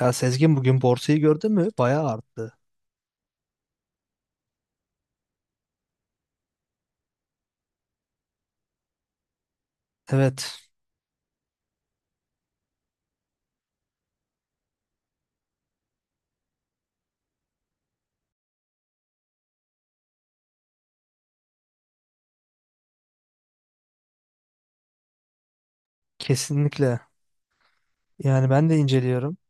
Ya Sezgin, bugün borsayı gördün mü? Bayağı arttı. Evet, kesinlikle. Yani ben de inceliyorum.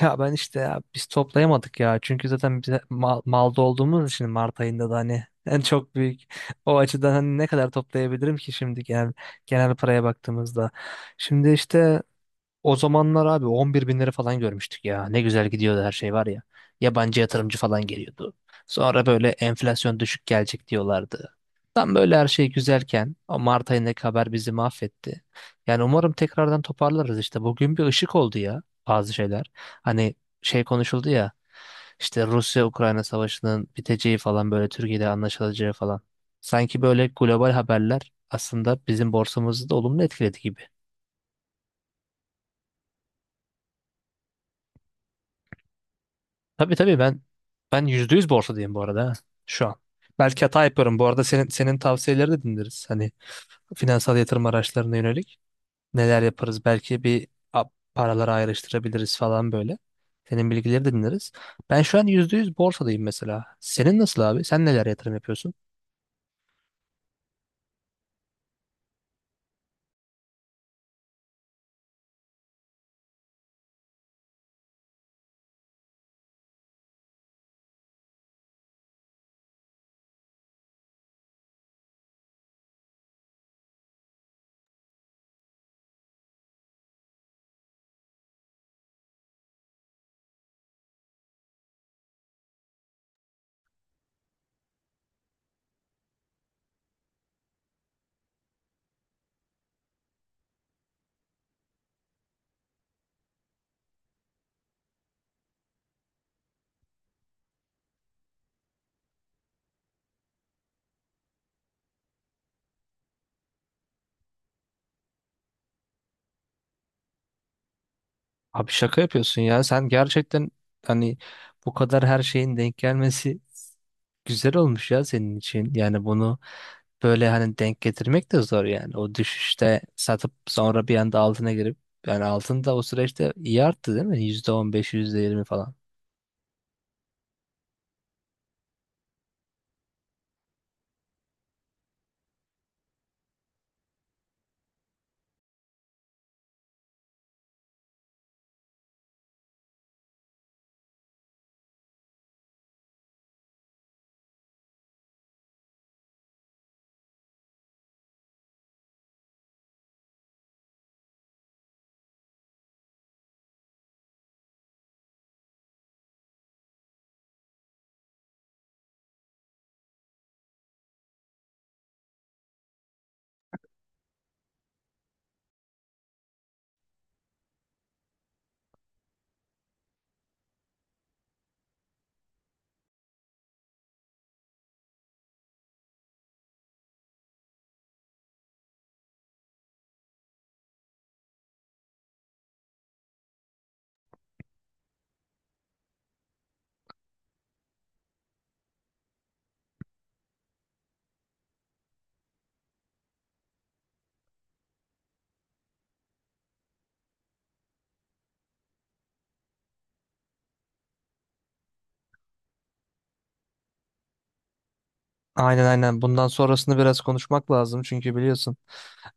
Ya ben işte ya biz toplayamadık ya. Çünkü zaten bize mal, malda olduğumuz için Mart ayında da hani en çok büyük o açıdan hani ne kadar toplayabilirim ki şimdi genel paraya baktığımızda. Şimdi işte o zamanlar abi 11 bin lira falan görmüştük ya. Ne güzel gidiyordu her şey var ya. Yabancı yatırımcı falan geliyordu. Sonra böyle enflasyon düşük gelecek diyorlardı. Tam böyle her şey güzelken o Mart ayındaki haber bizi mahvetti. Yani umarım tekrardan toparlarız işte. Bugün bir ışık oldu ya, bazı şeyler. Hani şey konuşuldu ya, işte Rusya-Ukrayna savaşının biteceği falan, böyle Türkiye'de anlaşılacağı falan. Sanki böyle global haberler aslında bizim borsamızı da olumlu etkiledi gibi. Tabii tabii, ben yüzde yüz borsadayım bu arada ha, şu an. Belki hata yapıyorum. Bu arada senin tavsiyeleri de dinleriz. Hani finansal yatırım araçlarına yönelik neler yaparız? Belki a- paraları ayrıştırabiliriz falan böyle. Senin bilgileri de dinleriz. Ben şu an yüzde yüz borsadayım mesela. Senin nasıl abi? Sen neler yatırım yapıyorsun? Abi şaka yapıyorsun ya. Sen gerçekten hani bu kadar her şeyin denk gelmesi güzel olmuş ya senin için. Yani bunu böyle hani denk getirmek de zor yani. O düşüşte satıp sonra bir anda altına girip, yani altın da o süreçte iyi arttı değil mi? %15, yirmi falan. Aynen aynen. Bundan sonrasını biraz konuşmak lazım çünkü biliyorsun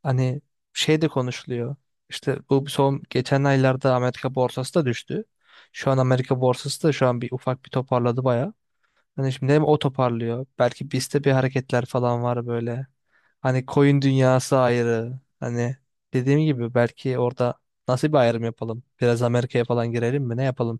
hani şey de konuşuluyor. İşte bu son geçen aylarda Amerika borsası da düştü. Şu an Amerika borsası da şu an bir ufak bir toparladı baya. Hani şimdi hem o toparlıyor. Belki bizde bir hareketler falan var böyle. Hani koyun dünyası ayrı. Hani dediğim gibi belki orada nasıl bir ayrım yapalım? Biraz Amerika'ya falan girelim mi? Ne yapalım?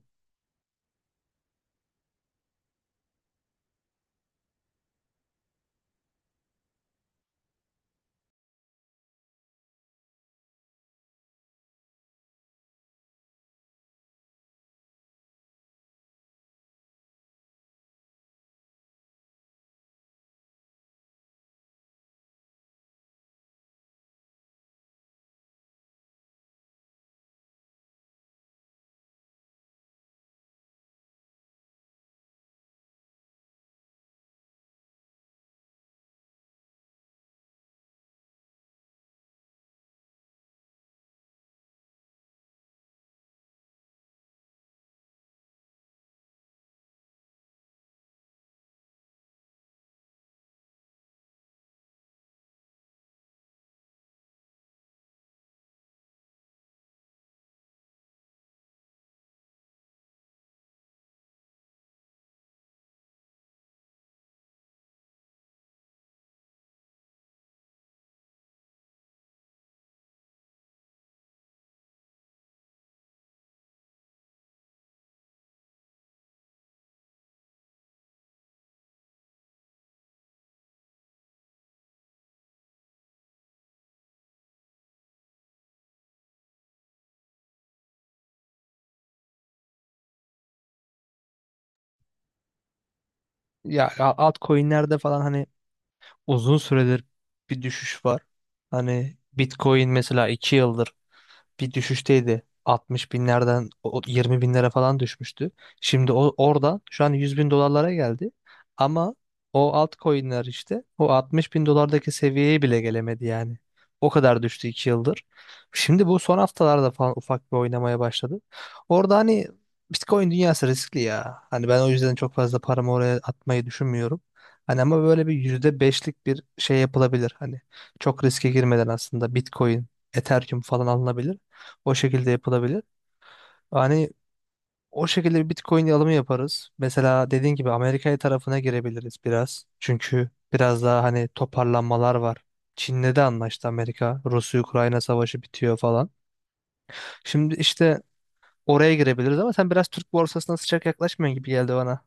Altcoin'lerde falan hani uzun süredir bir düşüş var. Hani Bitcoin mesela 2 yıldır bir düşüşteydi. 60 binlerden o 20 binlere falan düşmüştü. Şimdi o, oradan şu an 100 bin dolarlara geldi. Ama o altcoin'ler işte o 60 bin dolardaki seviyeye bile gelemedi yani. O kadar düştü 2 yıldır. Şimdi bu son haftalarda falan ufak bir oynamaya başladı. Orada hani Bitcoin dünyası riskli ya. Hani ben o yüzden çok fazla paramı oraya atmayı düşünmüyorum. Hani ama böyle bir yüzde beşlik bir şey yapılabilir. Hani çok riske girmeden aslında Bitcoin, Ethereum falan alınabilir. O şekilde yapılabilir. Hani o şekilde bir Bitcoin alımı yaparız. Mesela dediğin gibi Amerika'ya tarafına girebiliriz biraz. Çünkü biraz daha hani toparlanmalar var. Çin'le de anlaştı Amerika. Rusya-Ukrayna savaşı bitiyor falan. Şimdi işte oraya girebiliriz ama sen biraz Türk borsasına sıcak yaklaşmıyorsun gibi geldi bana.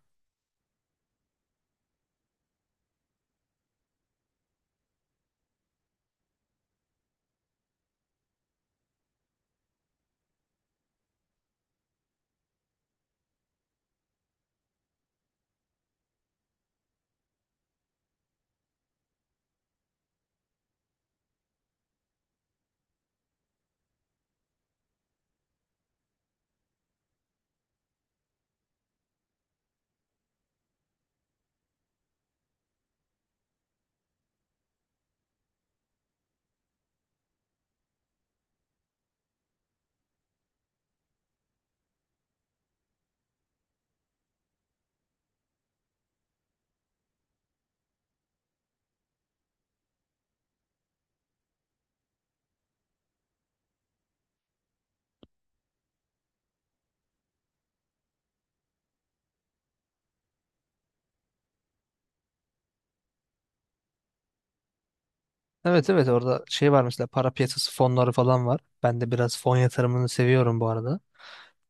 Evet evet, orada şey var mesela, para piyasası fonları falan var. Ben de biraz fon yatırımını seviyorum bu arada.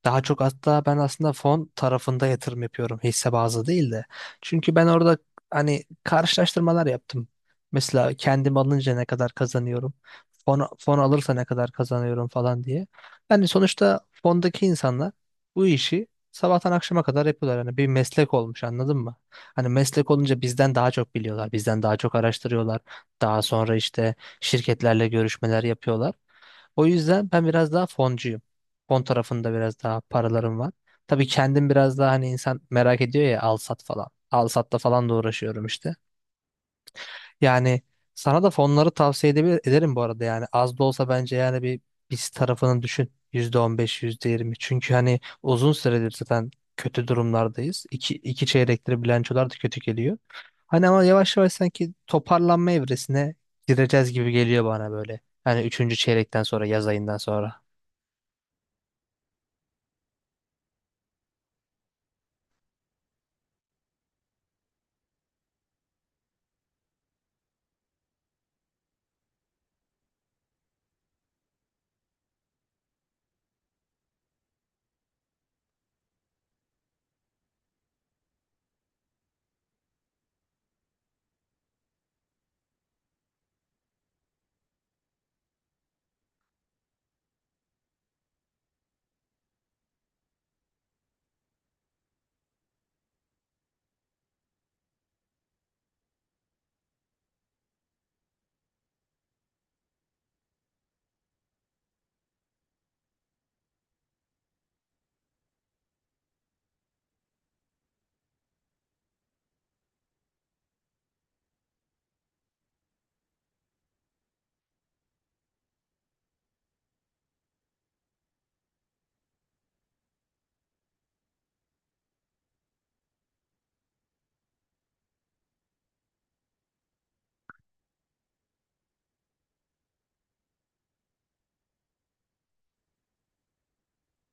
Daha çok hatta ben aslında fon tarafında yatırım yapıyorum, hisse bazlı değil de. Çünkü ben orada hani karşılaştırmalar yaptım. Mesela kendim alınca ne kadar kazanıyorum, fon alırsa ne kadar kazanıyorum falan diye. Yani sonuçta fondaki insanlar bu işi sabahtan akşama kadar yapıyorlar. Yani bir meslek olmuş, anladın mı? Hani meslek olunca bizden daha çok biliyorlar, bizden daha çok araştırıyorlar. Daha sonra işte şirketlerle görüşmeler yapıyorlar. O yüzden ben biraz daha foncuyum. Fon tarafında biraz daha paralarım var. Tabii kendim biraz daha hani insan merak ediyor ya, al sat falan. Al satla falan da uğraşıyorum işte. Yani sana da fonları tavsiye ederim bu arada yani. Az da olsa bence yani bir biz tarafını düşün. Yüzde on beş yüzde yirmi. Çünkü hani uzun süredir zaten kötü durumlardayız. İki çeyrektir bilançolar da kötü geliyor. Hani ama yavaş yavaş sanki toparlanma evresine gireceğiz gibi geliyor bana böyle. Hani üçüncü çeyrekten sonra, yaz ayından sonra.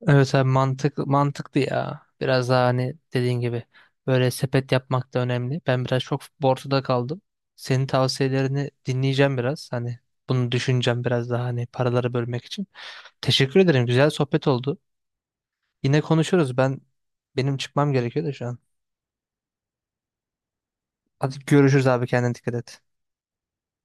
Evet abi mantıklı ya. Biraz daha hani dediğin gibi böyle sepet yapmak da önemli. Ben biraz çok borçta kaldım. Senin tavsiyelerini dinleyeceğim biraz. Hani bunu düşüneceğim biraz daha, hani paraları bölmek için. Teşekkür ederim. Güzel sohbet oldu. Yine konuşuruz. Benim çıkmam gerekiyor da şu an. Hadi görüşürüz abi, kendine dikkat et.